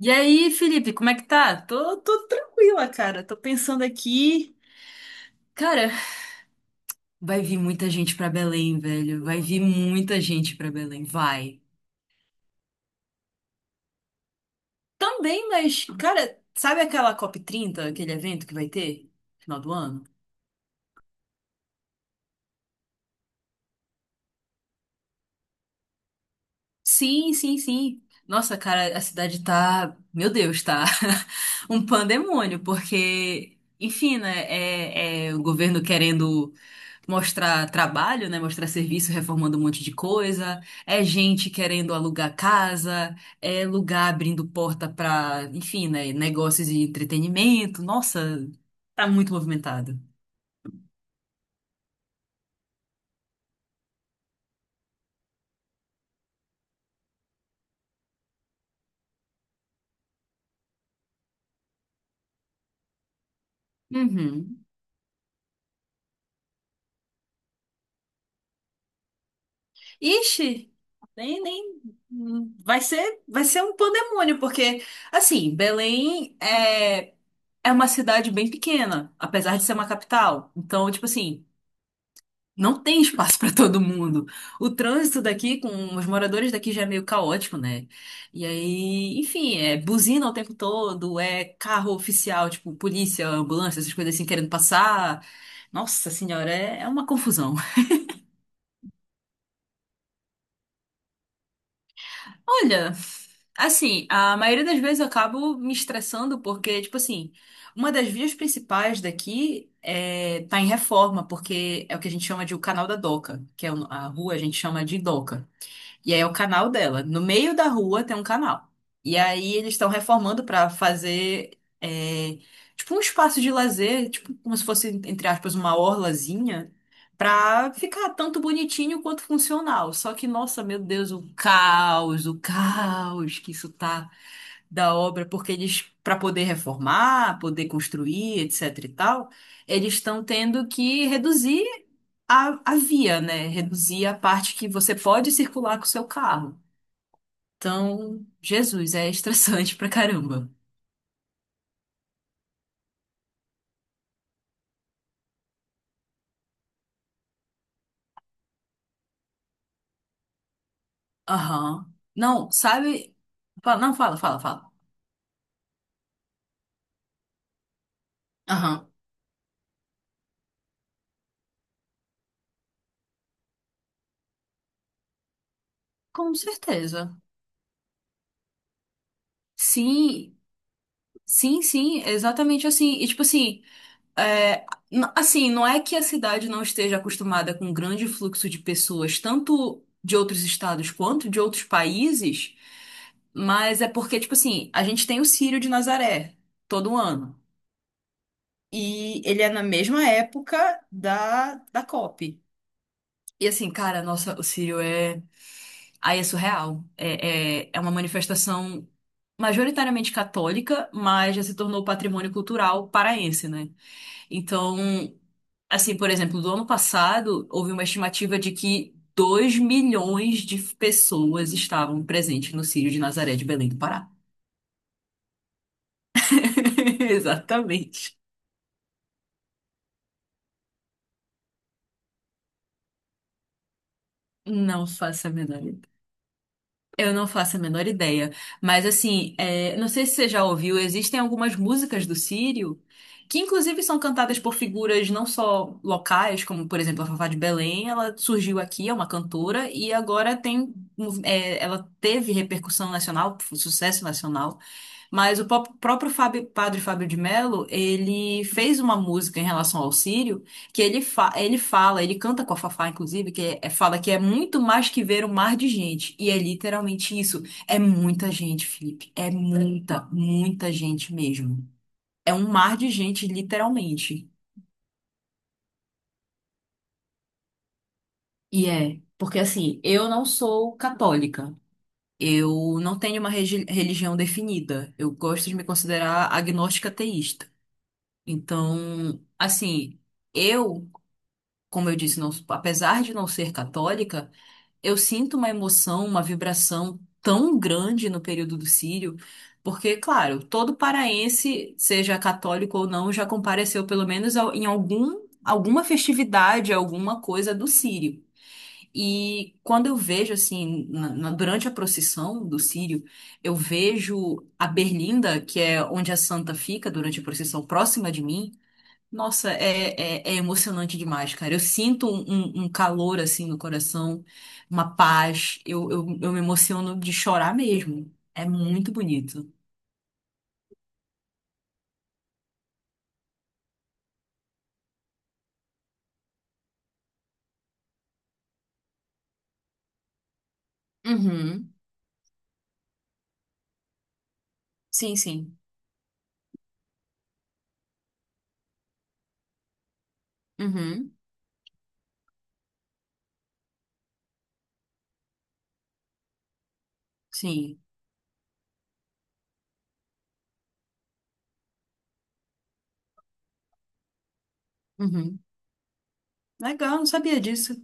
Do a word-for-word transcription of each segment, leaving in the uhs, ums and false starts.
E aí, Felipe, como é que tá? Tô, tô tranquila, cara. Tô pensando aqui. Cara, vai vir muita gente pra Belém, velho. Vai vir muita gente pra Belém. Vai. Também, mas, cara, sabe aquela COP trinta, aquele evento que vai ter no final do ano? Sim, sim, sim. Nossa, cara, a cidade tá. Meu Deus, tá. Um pandemônio, porque, enfim, né? É, é o governo querendo mostrar trabalho, né? Mostrar serviço reformando um monte de coisa, é gente querendo alugar casa, é lugar abrindo porta para, enfim, né? Negócios e entretenimento. Nossa, tá muito movimentado. Uhum. Ixi, nem, nem vai ser, vai ser um pandemônio, porque assim, Belém é é uma cidade bem pequena, apesar de ser uma capital. Então, tipo assim, não tem espaço para todo mundo. O trânsito daqui, com os moradores daqui já é meio caótico, né? E aí, enfim, é buzina o tempo todo, é carro oficial, tipo polícia, ambulância, essas coisas assim querendo passar. Nossa senhora, é, é uma confusão. Olha, assim, a maioria das vezes eu acabo me estressando porque, tipo assim, uma das vias principais daqui é, tá em reforma, porque é o que a gente chama de o canal da Doca, que é o- a rua a gente chama de Doca. E aí é o canal dela. No meio da rua tem um canal. E aí eles estão reformando pra fazer é, tipo um espaço de lazer, tipo como se fosse, entre aspas, uma orlazinha, pra ficar tanto bonitinho quanto funcional. Só que, nossa, meu Deus, o caos, o caos que isso tá da obra, porque eles, para poder reformar, poder construir, etc e tal, eles estão tendo que reduzir a, a via, né? Reduzir a parte que você pode circular com o seu carro. Então, Jesus, é estressante pra caramba. Aham. Não, sabe? Fa- Não, fala, fala, fala. Aham. Com certeza. Sim, sim, sim, exatamente assim. E tipo assim. É, n- assim, não é que a cidade não esteja acostumada com um grande fluxo de pessoas, tanto de outros estados quanto de outros países, mas é porque, tipo assim, a gente tem o Círio de Nazaré todo ano. E ele é na mesma época da, da COP. E assim, cara, nossa, o Círio é. Aí é surreal. É, é, é uma manifestação majoritariamente católica, mas já se tornou patrimônio cultural paraense, né? Então. Assim, por exemplo, do ano passado, houve uma estimativa de que dois milhões de pessoas estavam presentes no Círio de Nazaré de Belém do Pará. Exatamente. Não faço a menor ideia. Eu não faço a menor ideia. Mas, assim, é, não sei se você já ouviu, existem algumas músicas do Círio que, inclusive, são cantadas por figuras não só locais, como, por exemplo, a Fafá de Belém. Ela surgiu aqui, é uma cantora, e agora tem. é, ela teve repercussão nacional, sucesso nacional. Mas o pop- próprio Fábio- Padre Fábio de Mello, ele fez uma música em relação ao Sírio, que ele, fa- ele fala, ele canta com a Fafá, inclusive, que é- é- fala que é muito mais que ver um mar de gente. E é literalmente isso. É muita gente, Felipe. É muita, muita gente mesmo. É um mar de gente, literalmente. E é, porque assim, eu não sou católica. Eu não tenho uma regi- religião definida. Eu gosto de me considerar agnóstica ateísta. Então, assim, eu, como eu disse, não- apesar de não ser católica, eu sinto uma emoção, uma vibração tão grande no período do Círio, porque, claro, todo paraense, seja católico ou não, já compareceu pelo menos ao- em algum, alguma festividade, alguma coisa do Círio. E quando eu vejo, assim, na- na- durante a procissão do Círio, eu vejo a Berlinda, que é onde a santa fica durante a procissão, próxima de mim. Nossa, é, é, é emocionante demais, cara. Eu sinto um, um- um calor assim no coração, uma paz. Eu, eu, eu me emociono de chorar mesmo. É muito bonito. Uhum. Sim, sim. Uhum. Sim. Uhum. Legal, não sabia disso.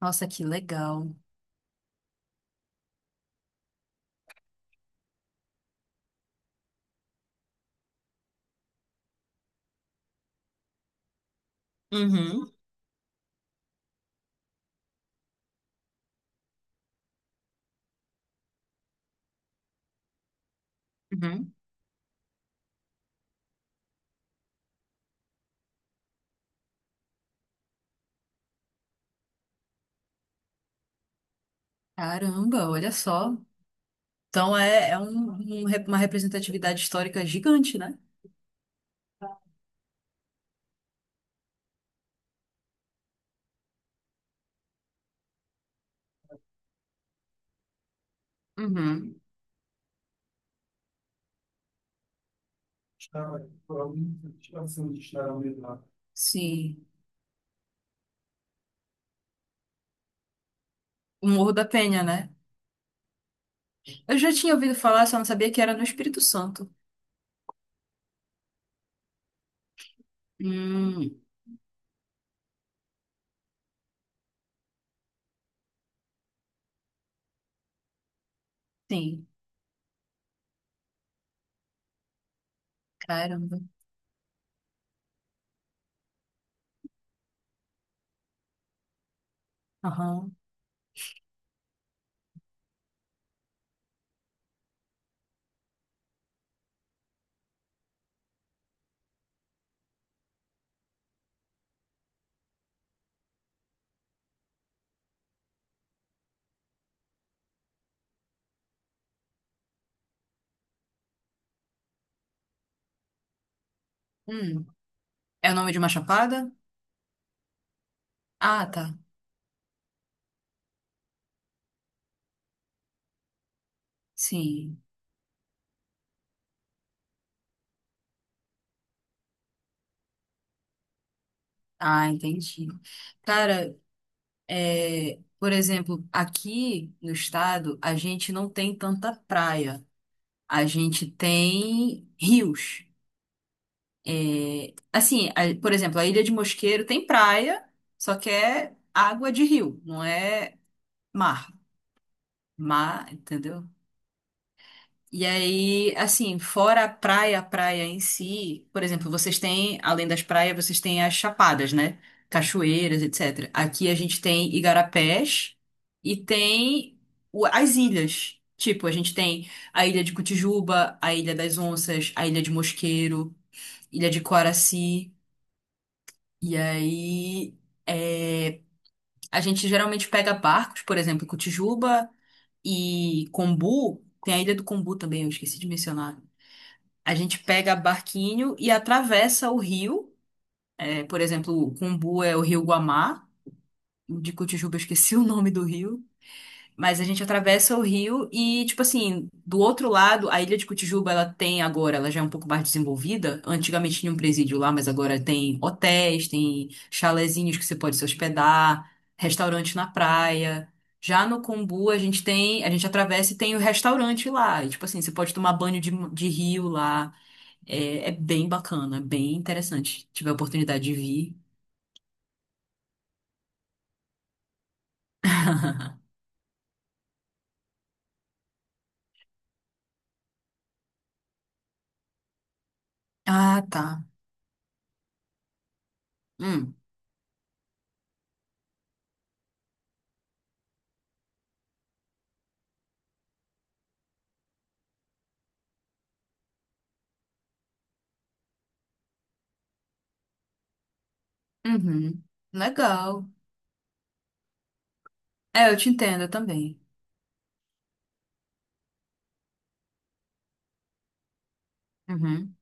Nossa, que legal. Uhum. Uhum. Caramba, olha só. Então é, é um, um re- uma representatividade histórica gigante, né? Uhum. Sim. O Morro da Penha, né? Eu já tinha ouvido falar, só não sabia que era no Espírito Santo. Hum, sim. Caramba. Aham. Hum, É o nome de uma chapada? Ah, tá. Sim. Ah, entendi. Cara, é, por exemplo, aqui no estado, a gente não tem tanta praia. A gente tem rios. É, assim, a- por exemplo, a Ilha de Mosqueiro tem praia, só que é água de rio, não é mar. Mar, entendeu? E aí, assim, fora a praia, a praia em si, por exemplo, vocês têm, além das praias, vocês têm as chapadas, né? Cachoeiras, et cetera. Aqui a gente tem igarapés e tem o- as ilhas. Tipo, a gente tem a Ilha de Cotijuba, a Ilha das Onças, a Ilha de Mosqueiro, Ilha de Coraci. E aí, é, a gente geralmente pega barcos, por exemplo, Cotijuba e Combu. Tem a Ilha do Combu também, eu esqueci de mencionar. A gente pega barquinho e atravessa o rio. É, por exemplo, o Cumbu é o rio Guamá. De Cotijuba, eu esqueci o nome do rio. Mas a gente atravessa o rio e, tipo assim, do outro lado, a ilha de Cotijuba, ela tem agora, ela já é um pouco mais desenvolvida. Antigamente tinha um presídio lá, mas agora tem hotéis, tem chalezinhos que você pode se hospedar, restaurante na praia. Já no Cumbu, a gente tem, a gente atravessa e tem o restaurante lá. E, tipo assim, você pode tomar banho de, de rio lá. É, é bem bacana, é bem interessante. Tive a oportunidade de vir. Ah, tá. Hum. Uhum. Legal. É, eu te entendo eu também. Uhum.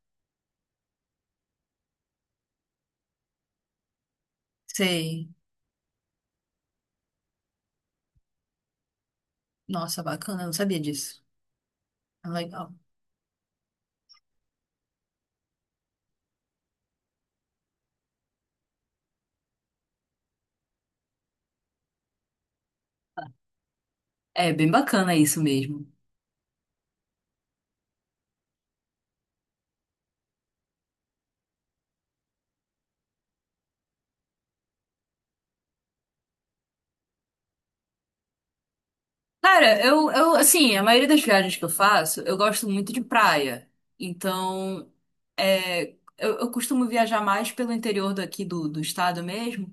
Sei. Nossa, bacana, eu não sabia disso. É legal. É bem bacana isso mesmo. Cara, eu, eu, assim, a maioria das viagens que eu faço, eu gosto muito de praia. Então, é, eu, eu costumo viajar mais pelo interior daqui do, do estado mesmo.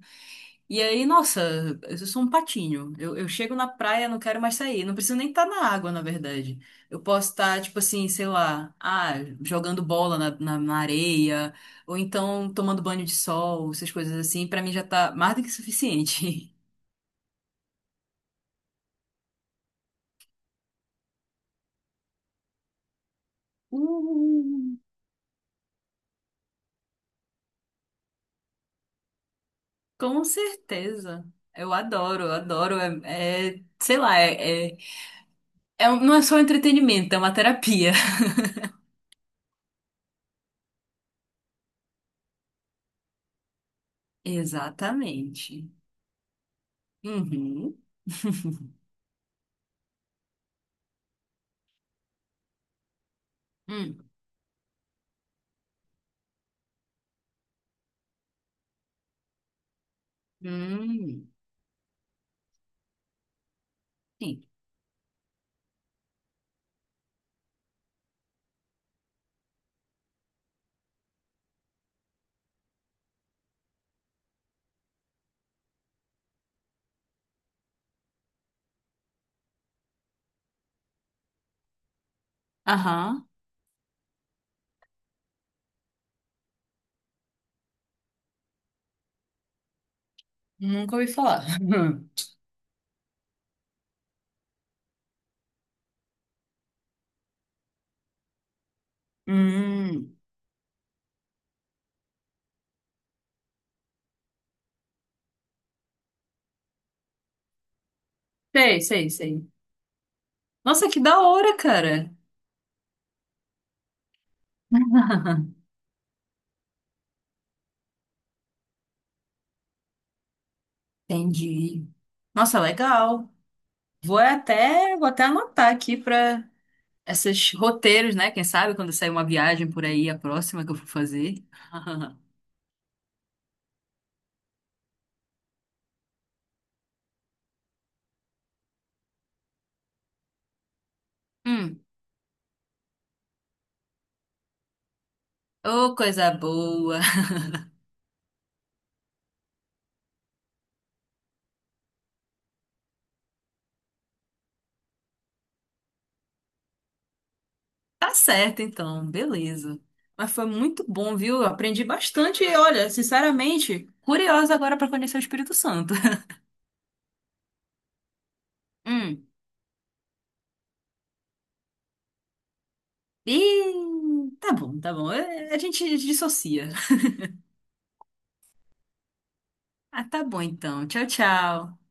E aí, nossa, eu sou um patinho. Eu, eu chego na praia, não quero mais sair. Não preciso nem estar na água, na verdade. Eu posso estar, tipo assim, sei lá, ah, jogando bola na, na, na areia, ou então tomando banho de sol, essas coisas assim. Pra mim já tá mais do que suficiente. Hum. Com certeza. Eu adoro, eu adoro. É, é, sei lá, é, é, é um- não é só um entretenimento, é uma terapia. Exatamente. Uhum. Hum. Hum. Sim. Aham. Nunca ouvi falar. Hum, sei, sei, sei. Nossa, que da hora, cara. Entendi. Nossa, legal. Vou até, vou até anotar aqui para esses roteiros, né? Quem sabe quando sair uma viagem por aí, a próxima que eu for fazer. Hum, ô, coisa boa. Tá certo, então, beleza. Mas foi muito bom, viu? Eu aprendi bastante e, olha, sinceramente, curiosa agora para conhecer o Espírito Santo. Hum. Ih, tá bom, tá bom. Eh, A gente dissocia. Ah, tá bom então. Tchau, tchau.